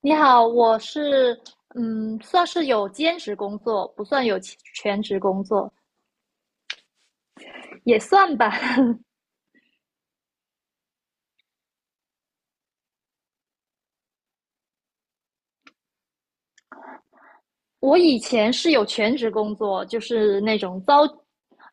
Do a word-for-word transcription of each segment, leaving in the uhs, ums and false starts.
你好，我是嗯，算是有兼职工作，不算有其全职工作，也算吧。我以前是有全职工作，就是那种朝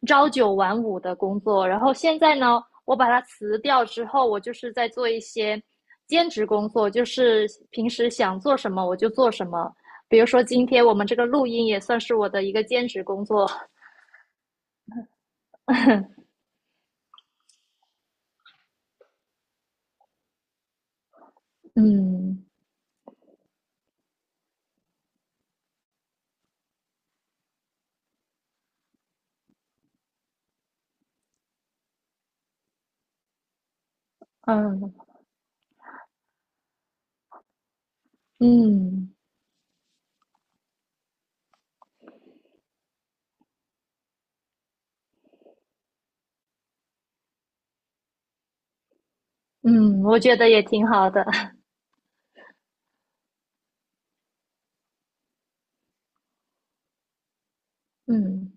朝九晚五的工作，然后现在呢，我把它辞掉之后，我就是在做一些兼职工作，就是平时想做什么我就做什么。比如说今天我们这个录音也算是我的一个兼职工作，嗯嗯嗯嗯，我觉得也挺好的，嗯。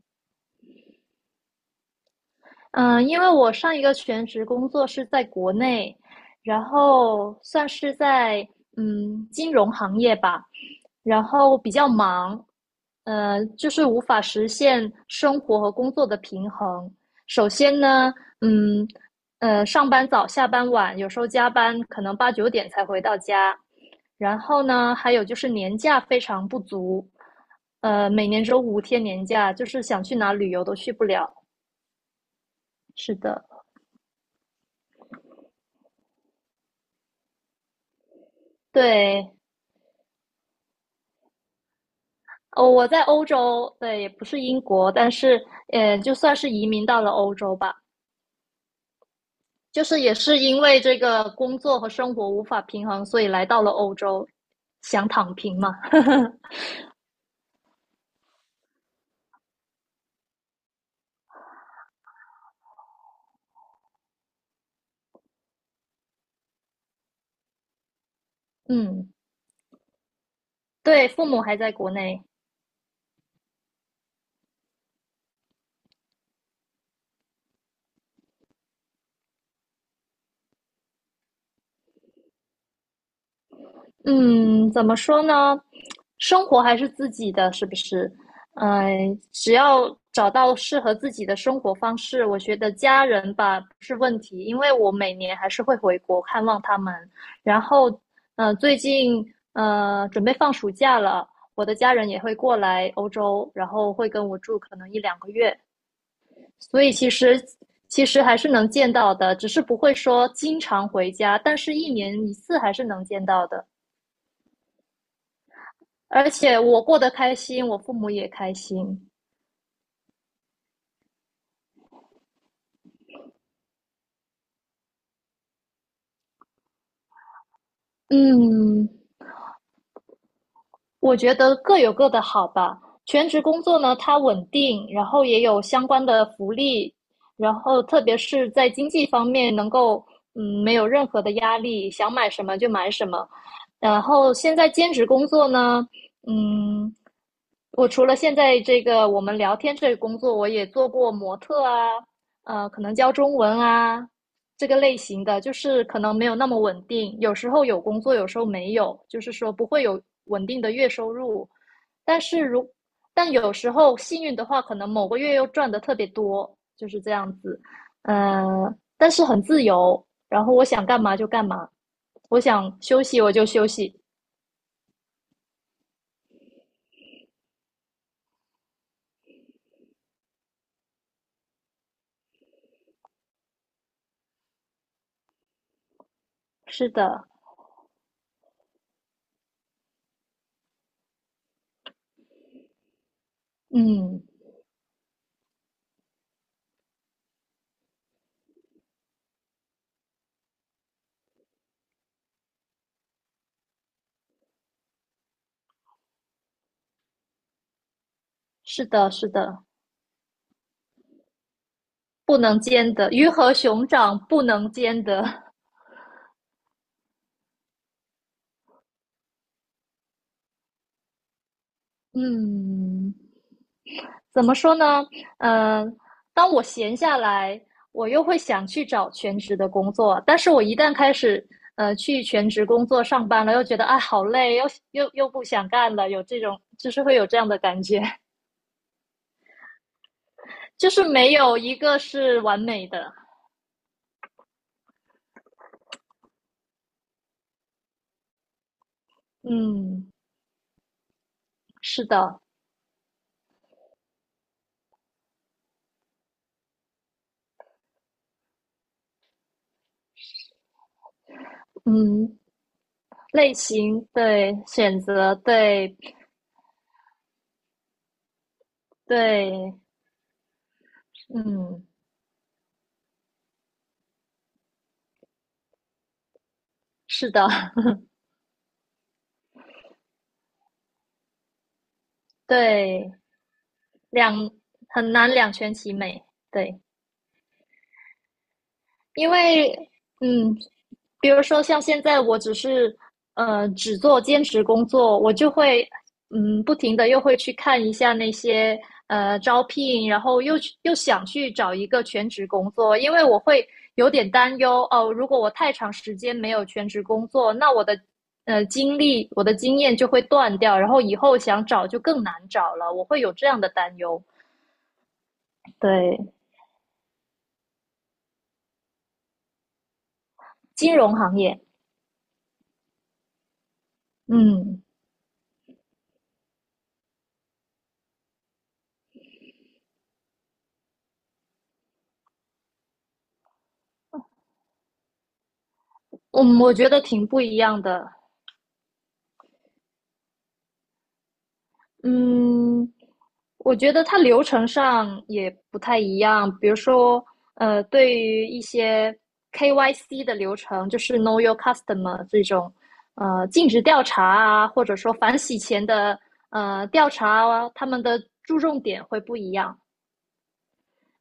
嗯，呃因为我上一个全职工作是在国内，然后算是在嗯金融行业吧，然后比较忙，呃，就是无法实现生活和工作的平衡。首先呢，嗯，呃，上班早，下班晚，有时候加班可能八九点才回到家。然后呢，还有就是年假非常不足，呃，每年只有五天年假，就是想去哪旅游都去不了。是的。对，哦，我在欧洲，对，也不是英国，但是，呃，就算是移民到了欧洲吧，就是也是因为这个工作和生活无法平衡，所以来到了欧洲，想躺平嘛。嗯，对，父母还在国内。嗯，怎么说呢？生活还是自己的，是不是？嗯、只要找到适合自己的生活方式，我觉得家人吧不是问题，因为我每年还是会回国看望他们。然后，呃，最近呃准备放暑假了，我的家人也会过来欧洲，然后会跟我住可能一两个月，所以其实其实还是能见到的，只是不会说经常回家，但是一年一次还是能见到的。而且我过得开心，我父母也开心。嗯，我觉得各有各的好吧。全职工作呢，它稳定，然后也有相关的福利，然后特别是在经济方面能够嗯没有任何的压力，想买什么就买什么。然后现在兼职工作呢，嗯，我除了现在这个我们聊天这个工作，我也做过模特啊，呃，可能教中文啊，这个类型的，就是可能没有那么稳定，有时候有工作，有时候没有，就是说不会有稳定的月收入。但是如但有时候幸运的话，可能某个月又赚的特别多，就是这样子。嗯、呃但是很自由，然后我想干嘛就干嘛，我想休息我就休息。是的，嗯，是的，是的，不能兼得，鱼和熊掌不能兼得。嗯，怎么说呢？嗯、呃当我闲下来，我又会想去找全职的工作，但是我一旦开始呃去全职工作上班了，又觉得哎好累，又又又不想干了，有这种就是会有这样的感觉，就是没有一个是完美的。嗯，是的，嗯，类型对，选择对对，嗯，是的，对，两很难两全其美，对。因为嗯，比如说像现在我只是呃只做兼职工作，我就会嗯不停的又会去看一下那些呃招聘，然后又又想去找一个全职工作，因为我会有点担忧哦，如果我太长时间没有全职工作，那我的呃经历我的经验就会断掉，然后以后想找就更难找了，我会有这样的担忧。对，金融行业，嗯嗯，我我觉得挺不一样的。嗯，我觉得它流程上也不太一样。比如说，呃，对于一些 K Y C 的流程，就是 Know Your Customer 这种，呃，尽职调查啊，或者说反洗钱的呃调查啊，他们的注重点会不一样。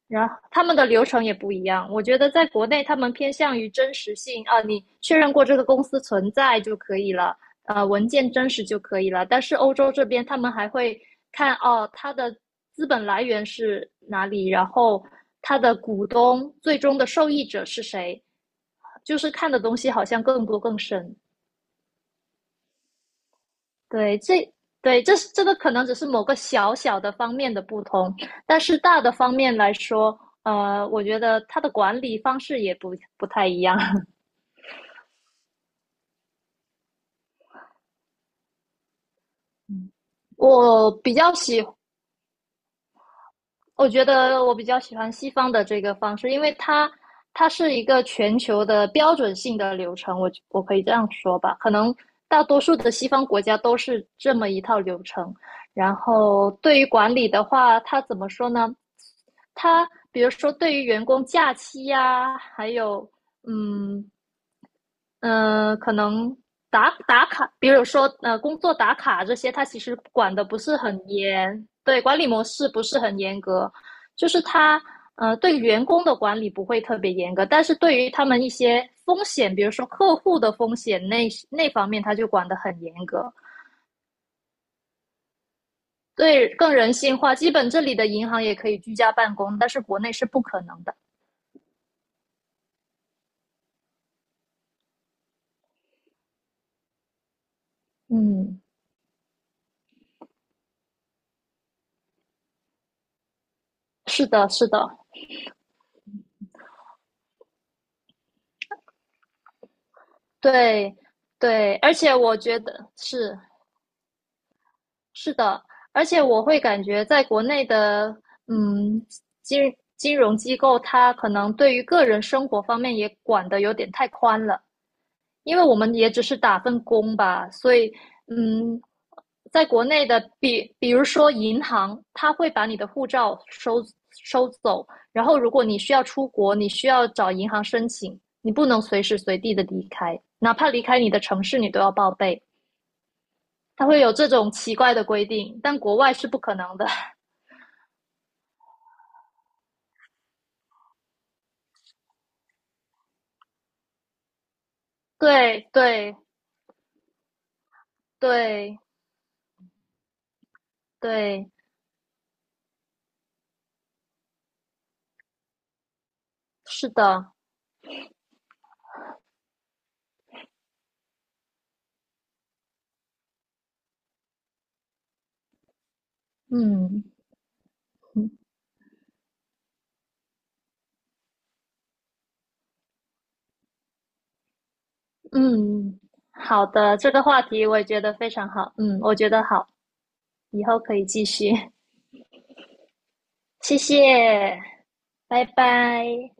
然后他们的流程也不一样，我觉得在国内他们偏向于真实性啊，你确认过这个公司存在就可以了，呃，文件真实就可以了。但是欧洲这边他们还会看哦，它的资本来源是哪里，然后它的股东最终的受益者是谁，就是看的东西好像更多更深。对，这对这是这个可能只是某个小小的方面的不同，但是大的方面来说，呃，我觉得它的管理方式也不不太一样。我比较喜我觉得我比较喜欢西方的这个方式，因为它它是一个全球的标准性的流程，我我可以这样说吧，可能大多数的西方国家都是这么一套流程。然后对于管理的话，它怎么说呢？它比如说对于员工假期呀、啊还有嗯嗯、呃可能打打卡，比如说呃，工作打卡这些，它其实管的不是很严，对，管理模式不是很严格，就是它呃对员工的管理不会特别严格，但是对于他们一些风险，比如说客户的风险那那方面，它就管得很严格，对，更人性化。基本这里的银行也可以居家办公，但是国内是不可能的。嗯，是的，是的，对对，而且我觉得是。是的，而且我会感觉在国内的，嗯，金金融机构，它可能对于个人生活方面也管得有点太宽了，因为我们也只是打份工吧，所以，嗯，在国内的，比比如说银行，它会把你的护照收收走，然后如果你需要出国，你需要找银行申请，你不能随时随地的离开，哪怕离开你的城市，你都要报备。它会有这种奇怪的规定，但国外是不可能的。对对对对，是的，嗯嗯，好的，这个话题我也觉得非常好，嗯，我觉得好，以后可以继续，谢谢，拜拜。